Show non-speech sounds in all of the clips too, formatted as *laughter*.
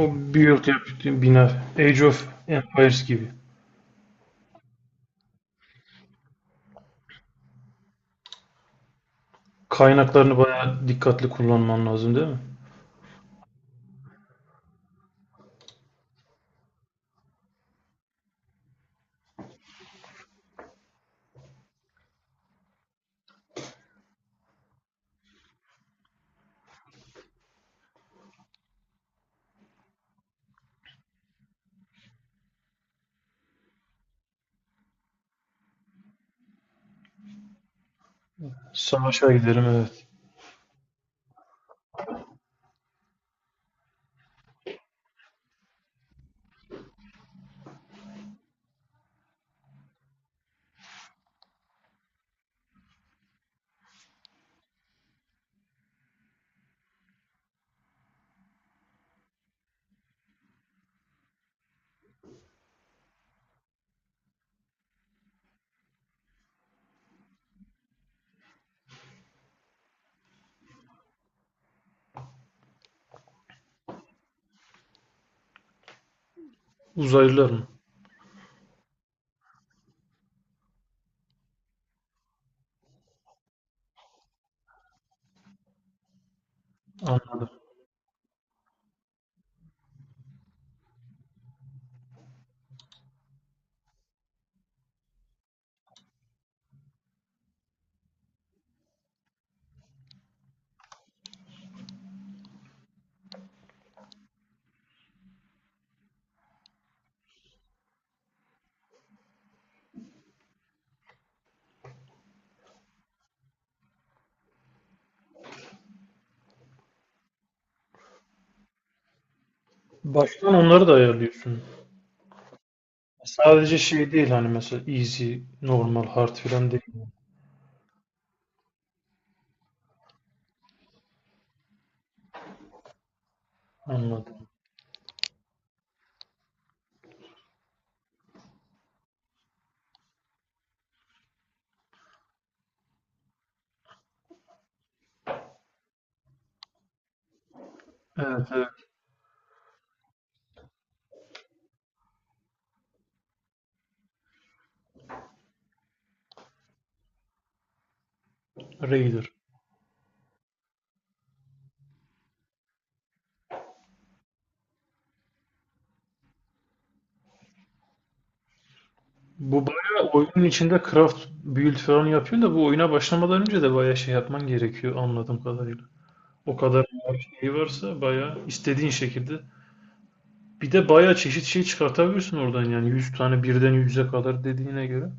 O build yap, bina. Age of Empires gibi. Kaynaklarını bayağı dikkatli kullanman lazım değil mi? Savaşa gidelim, evet. Uzaylılar mı? Anladım. Baştan onları da ayarlıyorsun. Sadece şey değil hani, mesela easy, normal, hard falan değil. Anladım. Evet, evet. Raider. Bu bayağı oyunun içinde craft build falan yapıyor da bu oyuna başlamadan önce de bayağı şey yapman gerekiyor anladığım kadarıyla. O kadar şey varsa bayağı istediğin şekilde. Bir de bayağı çeşit şey çıkartabiliyorsun oradan yani 100 tane, birden 100'e kadar dediğine göre.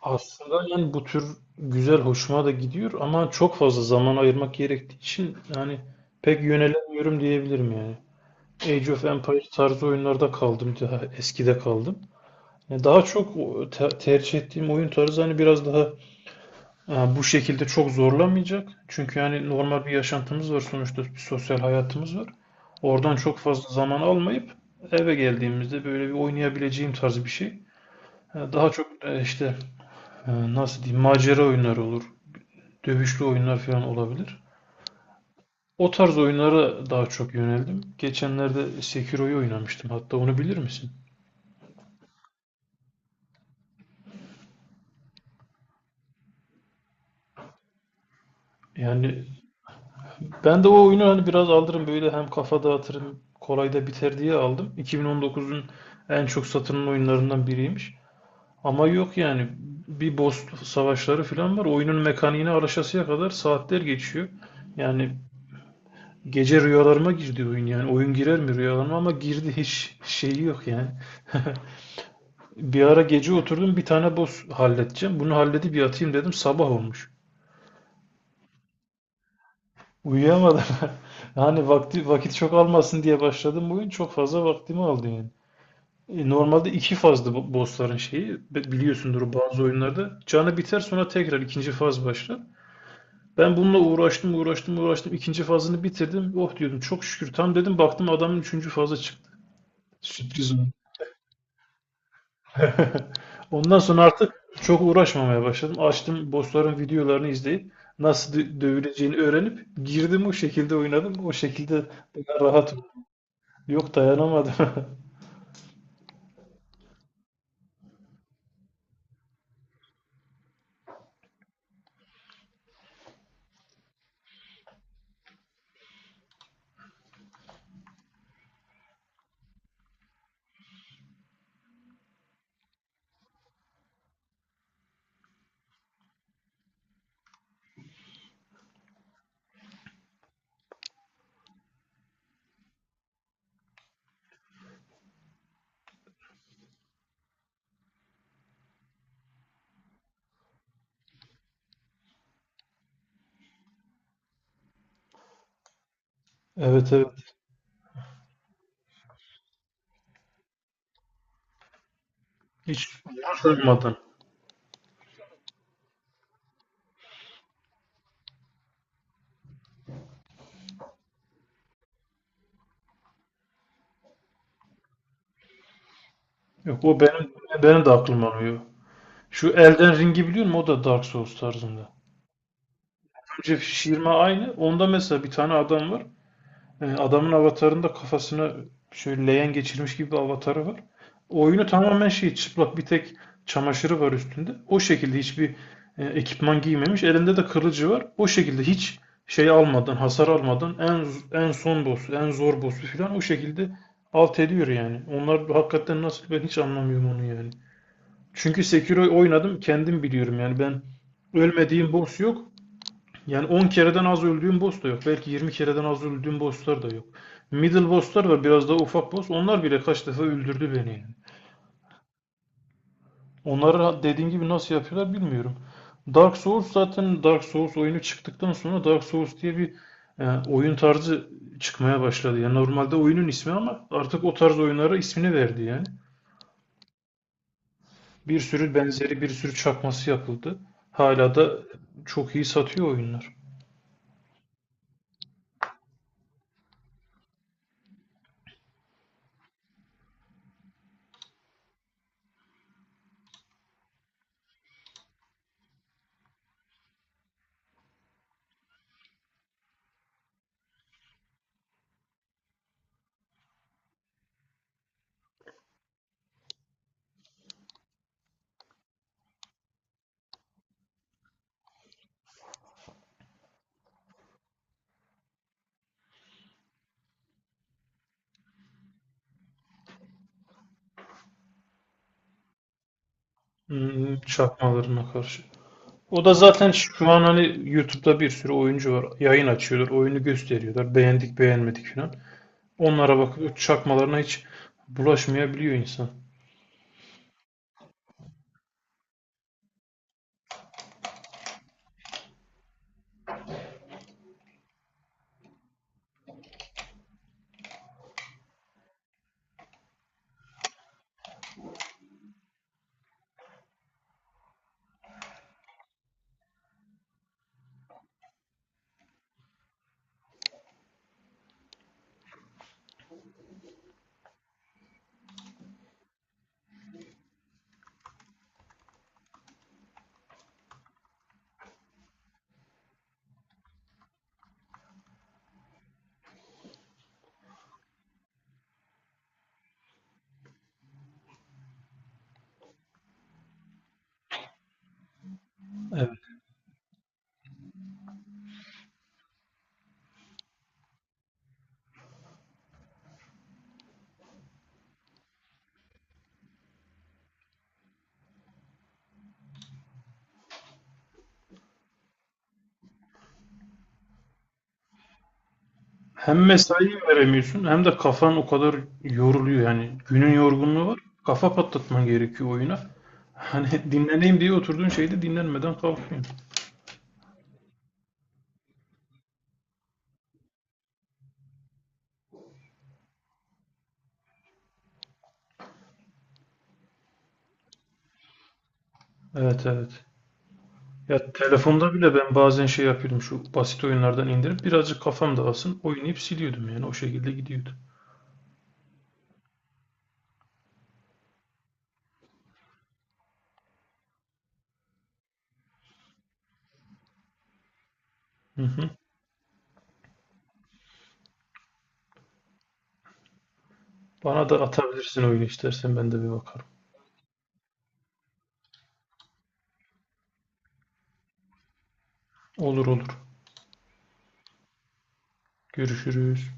Aslında yani bu tür güzel hoşuma da gidiyor ama çok fazla zaman ayırmak gerektiği için yani pek yönelemiyorum diyebilirim yani. Age of Empires tarzı oyunlarda kaldım, daha eskide kaldım. Yani daha çok o tercih ettiğim oyun tarzı hani biraz daha bu şekilde çok zorlamayacak. Çünkü yani normal bir yaşantımız var sonuçta, bir sosyal hayatımız var. Oradan çok fazla zaman almayıp eve geldiğimizde böyle bir oynayabileceğim tarz bir şey. Daha çok işte nasıl diyeyim, macera oyunları olur. Dövüşlü oyunlar falan olabilir. O tarz oyunlara daha çok yöneldim. Geçenlerde Sekiro'yu oynamıştım. Hatta onu bilir misin? Yani ben de o oyunu hani biraz alırım böyle, hem kafa dağıtırım kolay da biter diye aldım. 2019'un en çok satılan oyunlarından biriymiş. Ama yok yani, bir boss savaşları falan var. Oyunun mekaniğine araşasıya kadar saatler geçiyor. Yani gece rüyalarıma girdi oyun yani. Oyun girer mi rüyalarıma, ama girdi, hiç şeyi yok yani. *laughs* Bir ara gece oturdum, bir tane boss halledeceğim. Bunu halledip yatayım dedim, sabah olmuş. Uyuyamadım. *laughs* Hani vakit çok almasın diye başladım bugün. Çok fazla vaktimi aldı yani. E, normalde iki fazdı bu bossların şeyi. Biliyorsundur bazı oyunlarda. Canı biter, sonra tekrar ikinci faz başlar. Ben bununla uğraştım. İkinci fazını bitirdim. Oh diyordum, çok şükür. Tam dedim baktım adamın üçüncü fazı çıktı. Sürpriz oldu. *laughs* Ondan sonra artık çok uğraşmamaya başladım. Açtım bossların videolarını izleyip nasıl dövüleceğini öğrenip girdim, o şekilde oynadım. O şekilde daha rahat. Yok, dayanamadım. *laughs* Evet, evet. Hiç umursamadın. Yok, o benim benim de aklım alıyor. Şu Elden Ring'i biliyor musun? O da Dark Souls tarzında. Önce şişirme aynı. Onda mesela bir tane adam var. E, adamın avatarında kafasını şöyle leğen geçirmiş gibi bir avatarı var. Oyunu tamamen şey, çıplak, bir tek çamaşırı var üstünde. O şekilde hiçbir ekipman giymemiş. Elinde de kılıcı var. O şekilde hiç şey almadan, hasar almadan en son boss'u, en zor boss'u falan o şekilde alt ediyor yani. Onlar hakikaten nasıl, ben hiç anlamıyorum onu yani. Çünkü Sekiro oynadım kendim, biliyorum yani, ölmediğim boss yok. Yani 10 kereden az öldüğüm boss da yok. Belki 20 kereden az öldüğüm bosslar da yok. Middle bosslar var, biraz daha ufak boss. Onlar bile kaç defa öldürdü beni yani. Onları dediğim gibi nasıl yapıyorlar bilmiyorum. Dark Souls, zaten Dark Souls oyunu çıktıktan sonra Dark Souls diye bir oyun tarzı çıkmaya başladı. Yani normalde oyunun ismi ama artık o tarz oyunlara ismini verdi yani. Bir sürü benzeri, bir sürü çakması yapıldı. Hala da çok iyi satıyor oyunlar. Hmm, çakmalarına karşı. O da zaten şu an hani YouTube'da bir sürü oyuncu var. Yayın açıyorlar, oyunu gösteriyorlar. Beğendik, beğenmedik falan. Onlara bakıp çakmalarına hiç bulaşmayabiliyor insan. Evet. Hem mesai veremiyorsun, hem de kafan o kadar yoruluyor yani. Günün yorgunluğu var. Kafa patlatman gerekiyor oyuna. Hani *laughs* dinleneyim diye oturduğun şeyde dinlenmeden kalkıyorsun. Evet, evet. Ya telefonda bile ben bazen şey yapıyordum, şu basit oyunlardan indirip birazcık kafam dağılsın oynayıp siliyordum yani, o şekilde gidiyordu. Hı hı. Bana da atabilirsin oyunu istersen, ben de bir bakarım. Olur, olur. Görüşürüz.